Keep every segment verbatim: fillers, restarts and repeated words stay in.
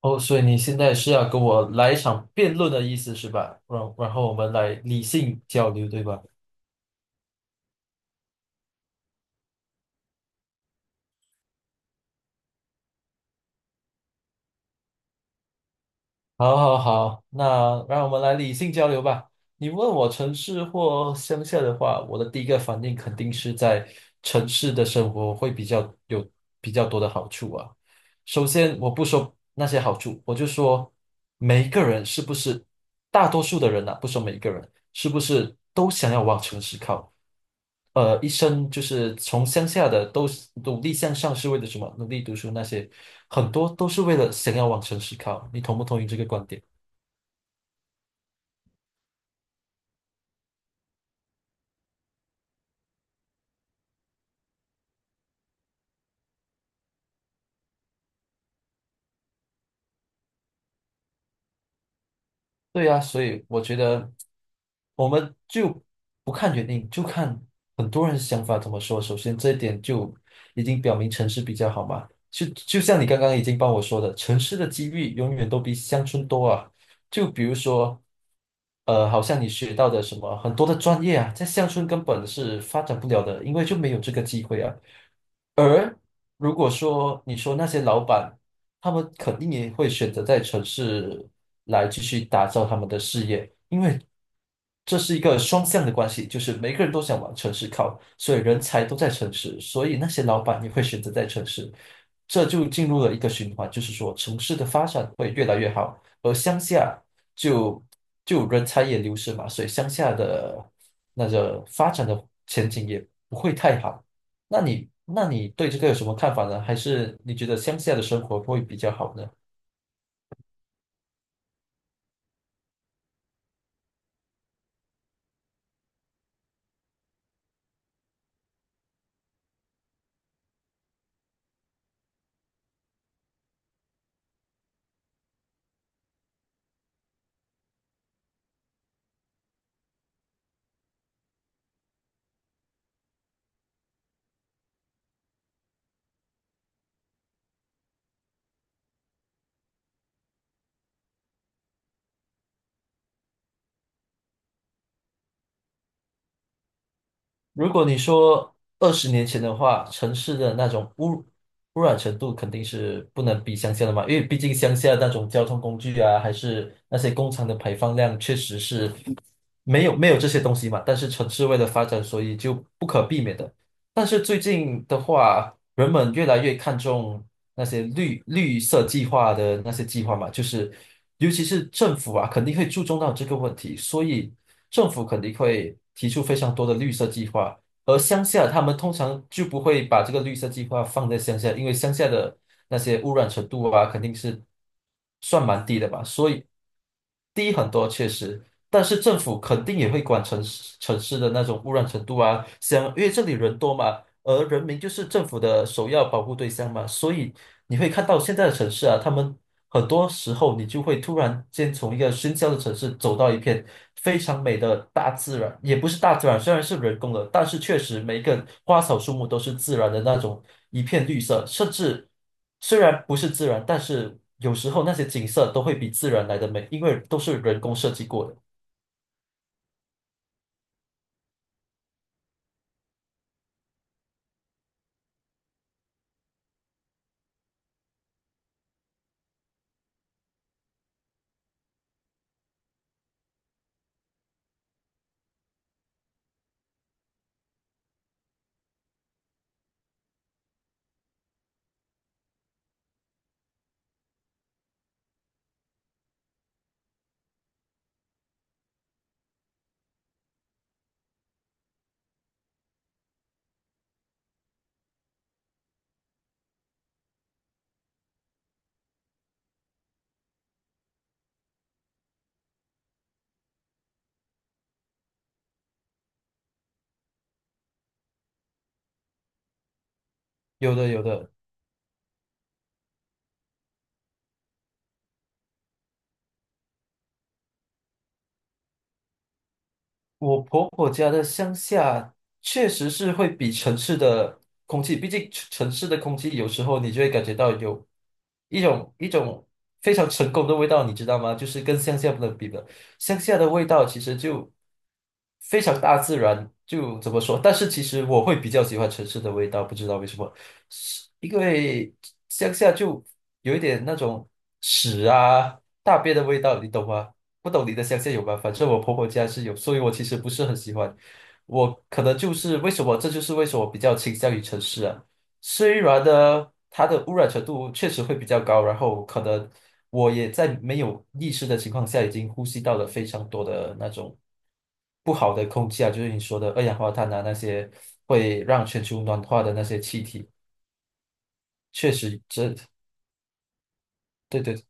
哦，所以你现在是要跟我来一场辩论的意思是吧？然然后我们来理性交流，对吧？好，好，好，那让我们来理性交流吧。你问我城市或乡下的话，我的第一个反应肯定是在城市的生活会比较有比较多的好处啊。首先，我不说那些好处，我就说每一个人是不是，大多数的人呐、不说每一个人，是不是都想要往城市靠？呃，一生就是从乡下的都是努力向上，是为了什么？努力读书那些，很多都是为了想要往城市靠。你同不同意这个观点？对呀，所以我觉得我们就不看原因，就看很多人想法怎么说。首先，这一点就已经表明城市比较好嘛。就就像你刚刚已经帮我说的，城市的机遇永远都比乡村多啊。就比如说，呃，好像你学到的什么很多的专业啊，在乡村根本是发展不了的，因为就没有这个机会啊。而如果说你说那些老板，他们肯定也会选择在城市来继续打造他们的事业，因为这是一个双向的关系，就是每个人都想往城市靠，所以人才都在城市，所以那些老板也会选择在城市，这就进入了一个循环，就是说城市的发展会越来越好，而乡下就就人才也流失嘛，所以乡下的那个发展的前景也不会太好。那你那你对这个有什么看法呢？还是你觉得乡下的生活会比较好呢？如果你说二十年前的话，城市的那种污污染程度肯定是不能比乡下的嘛，因为毕竟乡下那种交通工具啊，还是那些工厂的排放量，确实是没有没有这些东西嘛。但是城市为了发展，所以就不可避免的。但是最近的话，人们越来越看重那些绿绿色计划的那些计划嘛，就是尤其是政府啊，肯定会注重到这个问题，所以政府肯定会提出非常多的绿色计划，而乡下他们通常就不会把这个绿色计划放在乡下，因为乡下的那些污染程度啊，肯定是算蛮低的吧，所以低很多确实。但是政府肯定也会管城市城市的那种污染程度啊，像因为这里人多嘛，而人民就是政府的首要保护对象嘛，所以你会看到现在的城市啊，他们很多时候你就会突然间从一个喧嚣的城市走到一片非常美的大自然，也不是大自然，虽然是人工的，但是确实每一个花草树木都是自然的那种一片绿色，甚至虽然不是自然，但是有时候那些景色都会比自然来的美，因为都是人工设计过的。有的，有的。我婆婆家的乡下确实是会比城市的空气，毕竟城城市的空气有时候你就会感觉到有一种一种非常成功的味道，你知道吗？就是跟乡下不能比的，乡下的味道其实就非常大自然，就怎么说？但是其实我会比较喜欢城市的味道，不知道为什么，是因为乡下就有一点那种屎啊、大便的味道，你懂吗？不懂你的想象有吗？反正我婆婆家是有，所以我其实不是很喜欢。我可能就是为什么，这就是为什么我比较倾向于城市啊。虽然呢，它的污染程度确实会比较高，然后可能我也在没有意识的情况下，已经呼吸到了非常多的那种不好的空气啊，就是你说的二氧化碳啊，那些会让全球暖化的那些气体，确实这，对对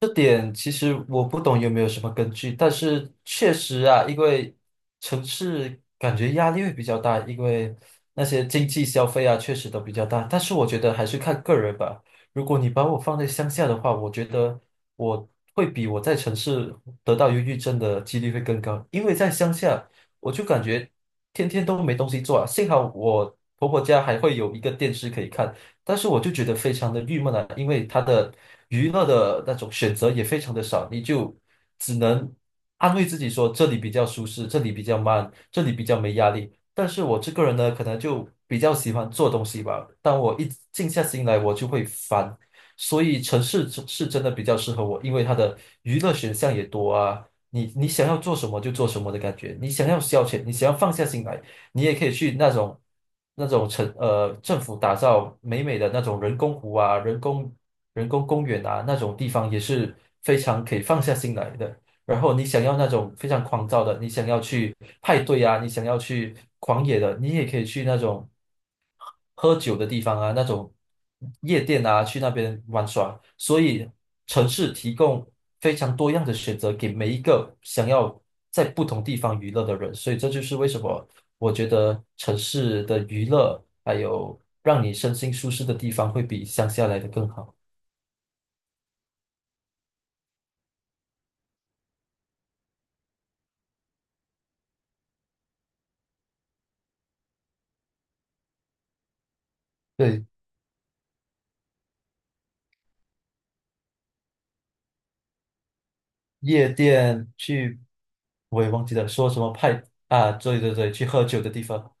这点其实我不懂有没有什么根据，但是确实啊，因为城市感觉压力会比较大，因为那些经济消费啊，确实都比较大。但是我觉得还是看个人吧。如果你把我放在乡下的话，我觉得我会比我在城市得到忧郁症的几率会更高，因为在乡下我就感觉天天都没东西做啊。幸好我婆婆家还会有一个电视可以看，但是我就觉得非常的郁闷啊，因为他的娱乐的那种选择也非常的少，你就只能安慰自己说这里比较舒适，这里比较慢，这里比较没压力。但是我这个人呢，可能就比较喜欢做东西吧，当我一静下心来，我就会烦。所以城市是是真的比较适合我，因为它的娱乐选项也多啊。你你想要做什么就做什么的感觉，你想要消遣，你想要放下心来。你也可以去那种那种城呃政府打造美美的那种人工湖啊、人工人工公园啊那种地方，也是非常可以放下心来的。然后你想要那种非常狂躁的，你想要去派对啊，你想要去狂野的，你也可以去那种喝酒的地方啊，那种夜店啊，去那边玩耍。所以城市提供非常多样的选择给每一个想要在不同地方娱乐的人。所以这就是为什么我觉得城市的娱乐还有让你身心舒适的地方会比乡下来的更好。对。夜店去，我也忘记了说什么派啊，对对对，去喝酒的地方。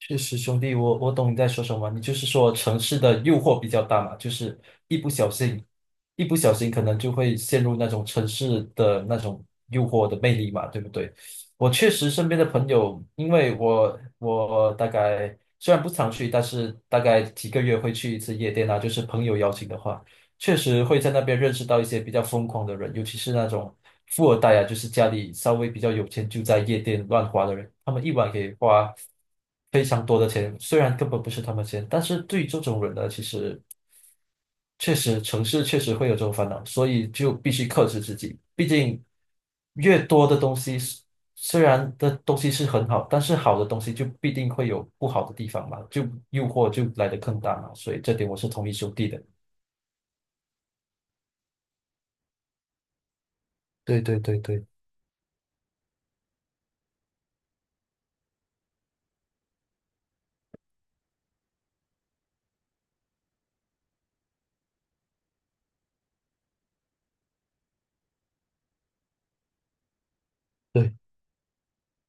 确实，兄弟，我我懂你在说什么。你就是说城市的诱惑比较大嘛，就是一不小心，一不小心可能就会陷入那种城市的那种诱惑的魅力嘛，对不对？我确实身边的朋友，因为我我大概虽然不常去，但是大概几个月会去一次夜店啊，就是朋友邀请的话。确实会在那边认识到一些比较疯狂的人，尤其是那种富二代啊，就是家里稍微比较有钱，就在夜店乱花的人，他们一晚可以花非常多的钱，虽然根本不是他们钱，但是对于这种人呢，其实确实城市确实会有这种烦恼，所以就必须克制自己。毕竟越多的东西是，虽然的东西是很好，但是好的东西就必定会有不好的地方嘛，就诱惑就来的更大嘛，所以这点我是同意兄弟的。对对对对对，